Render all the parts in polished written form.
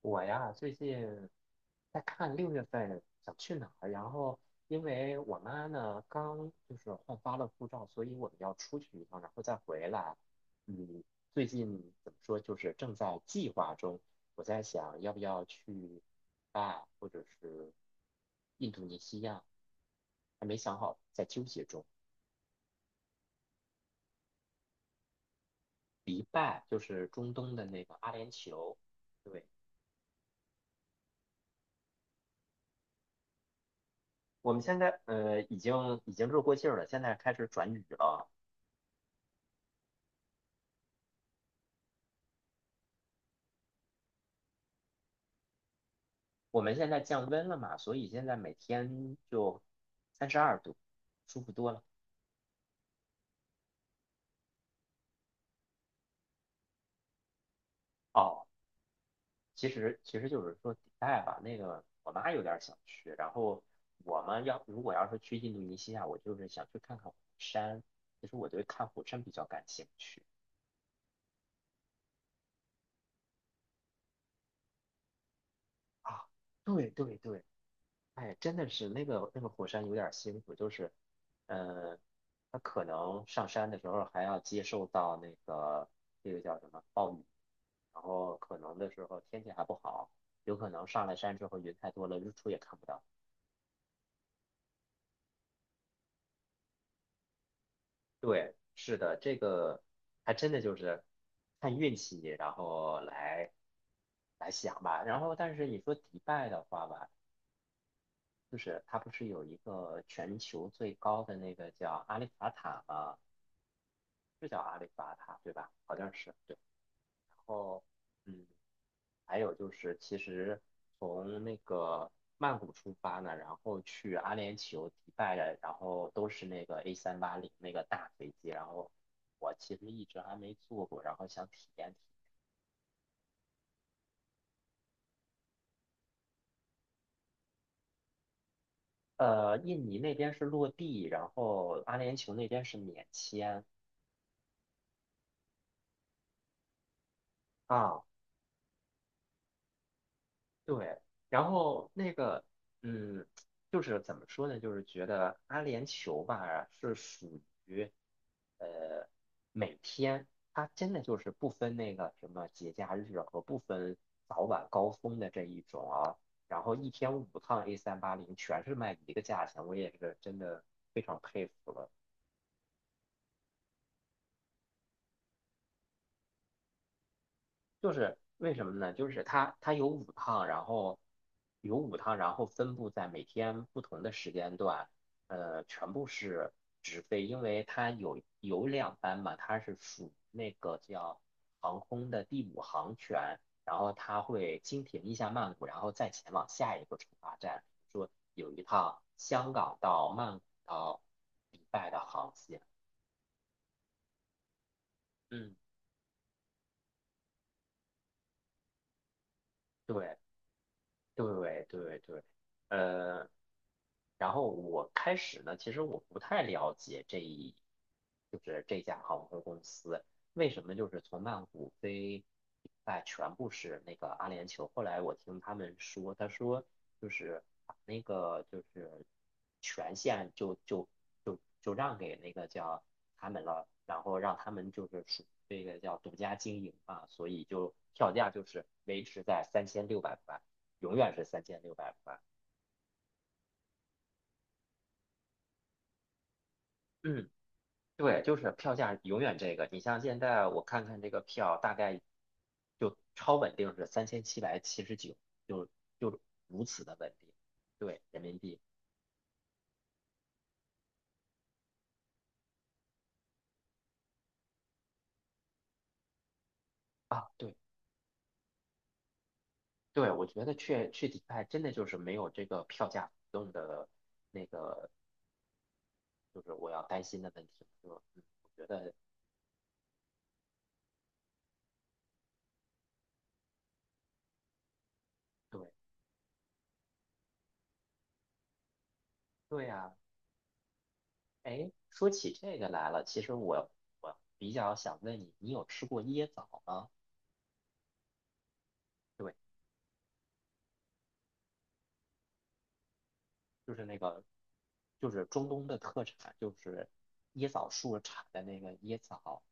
我呀，最近在看6月份想去哪儿，然后因为我妈呢刚就是换发了护照，所以我们要出去一趟，然后再回来。嗯，最近怎么说，就是正在计划中。我在想要不要去啊，或者是印度尼西亚，还没想好，在纠结中。迪拜就是中东的那个阿联酋。对。我们现在已经热过劲儿了，现在开始转雨了。我们现在降温了嘛，所以现在每天就32度，舒服多了。哦，其实就是说迪拜吧，那个我妈有点想去，然后我们要如果要是去印度尼西亚，我就是想去看看火山。其实我对看火山比较感兴趣啊。对对对，哎，真的是那个火山有点辛苦，就是，呃，它可能上山的时候还要接受到那个叫什么暴雨，然后可能的时候天气还不好，有可能上了山之后云太多了，日出也看不到。对，是的，这个还真的就是看运气，然后来想吧。然后，但是你说迪拜的话吧，就是它不是有一个全球最高的那个叫阿里法塔吗？是叫阿里法塔对吧？好像是对。然后，嗯，还有就是，其实从那个曼谷出发呢，然后去阿联酋、迪拜，的，然后都是那个 a 三八零那个大飞机，然后我其实一直还没坐过，然后想体验。印尼那边是落地，然后阿联酋那边是免签。啊，对，然后那个嗯，就是怎么说呢，就是觉得阿联酋吧是属呃，每天它真的就是不分那个什么节假日和不分早晚高峰的这一种啊，然后一天五趟 A 三八零全是卖一个价钱，我也是真的非常佩服了。就是为什么呢？就是它有五趟，然后有五趟，然后分布在每天不同的时间段，全部是直飞，因为它有两班嘛，它是属那个叫航空的第五航权，然后它会经停一下曼谷，然后再前往下一个出发站。说有一趟香港到曼谷到迪拜的航线。嗯，对。对对对。呃，然后我开始呢，其实我不太了解就是这家航空公司为什么就是从曼谷飞，哎，全部是那个阿联酋。后来我听他们说，他说就是把那个就是权限就让给那个叫他们了，然后让他们就是属于这个叫独家经营嘛，所以就票价就是维持在三千六百块。永远是三千六百块。嗯，对，就是票价永远这个。你像现在我看看这个票，大概就超稳定是3779，就就如此的稳定。对，人民币啊。对对，我觉得去去迪拜真的就是没有这个票价浮动的那个，就是我要担心的问题。我觉得对对呀、哎，说起这个来了，其实我比较想问你，你有吃过椰枣吗？对，就是那个，就是中东的特产，就是椰枣树产的那个椰枣，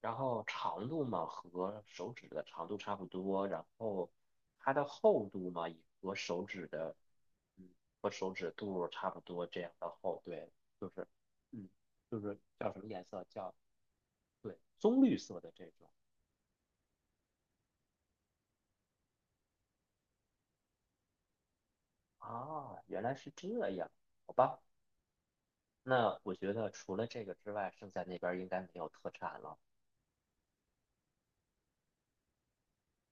然后长度嘛和手指的长度差不多，然后它的厚度嘛也和手指的，嗯，和手指肚差不多这样的厚，对，就是，嗯，就是叫什么颜色？叫，对，棕绿色的这种。啊，原来是这样，好吧。那我觉得除了这个之外，剩下那边儿应该没有特产了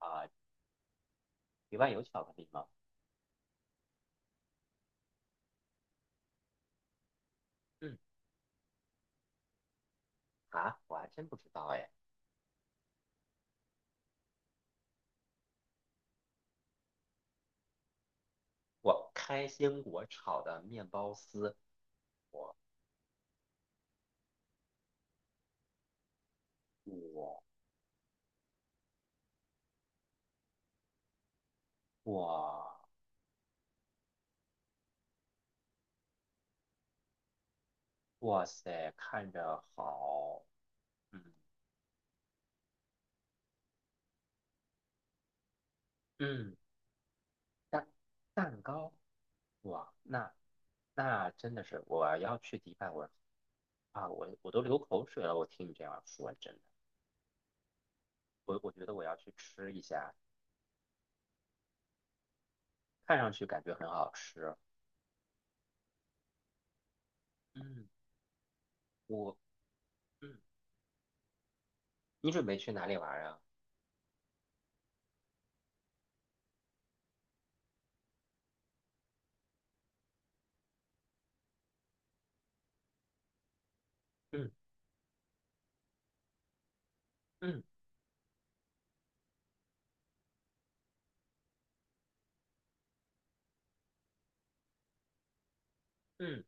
啊。你外有巧克力吗？嗯我还真不知道哎。我开心果炒的面包丝，我我我，哇塞，看着好。嗯嗯。蛋蛋糕。哇，那真的是我要去迪拜，我啊，我都流口水了。我听你这样说，真的，我觉得我要去吃一下，看上去感觉很好吃。嗯，我嗯，你准备去哪里玩啊？嗯嗯嗯。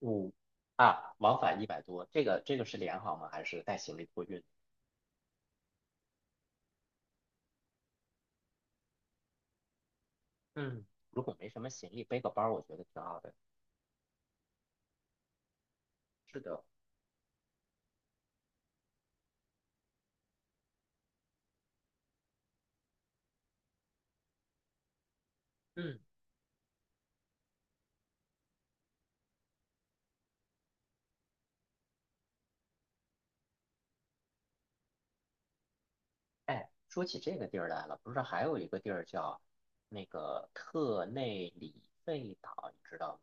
五啊，往返100多，这个这个是联航吗？还是带行李托运？嗯，如果没什么行李，背个包儿我觉得挺好的。是的。嗯，哎，说起这个地儿来了，不是还有一个地儿叫那个特内里费岛，你知道吗？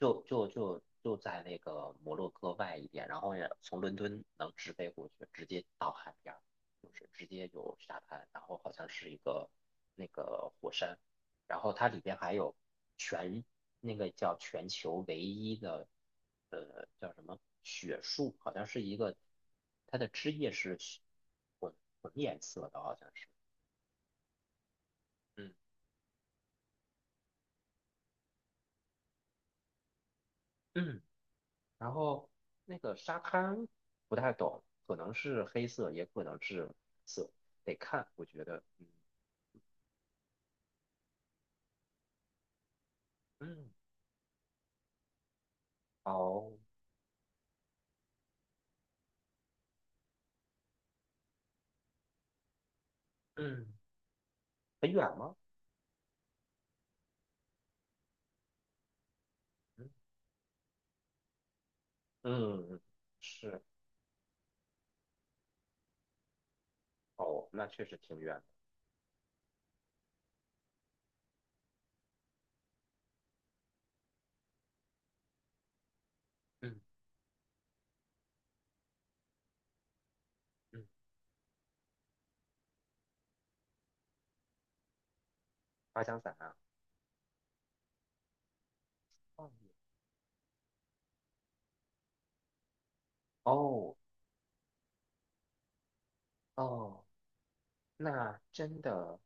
就在那个摩洛哥外一点，然后也从伦敦能直飞过去，直接到海边儿就是直接就沙滩，然后好像是一个那个火山，然后它里边还有全那个叫全球唯一的叫什么雪树，好像是一个它的枝叶是雪混混颜色的，好像是。嗯嗯。然后那个沙滩不太懂，可能是黑色，也可能是色，得看。我觉得，嗯嗯。哦。嗯，很远吗？嗯嗯。是。哦，那确实挺远的。嗯嗯，滑翔伞啊。哦哦哦，那真的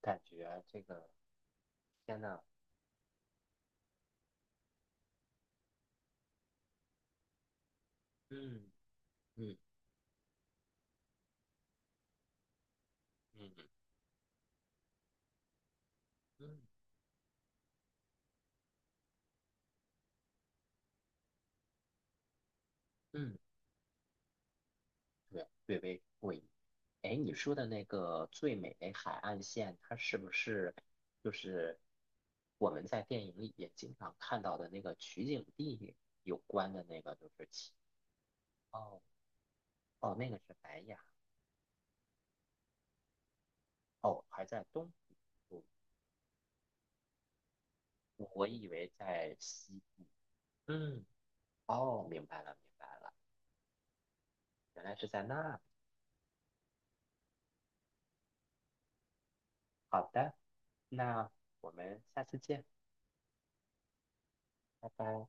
感觉这个，天呐。嗯嗯嗯嗯嗯。略微过瘾。哎，你说的那个最美的海岸线，它是不是就是我们在电影里也经常看到的那个取景地有关的那个？就是其哦哦，那个是白亚。哦，还在东部，我以为在西。嗯，哦，明白了明白了，原来是在那。好的，那我们下次见，拜拜。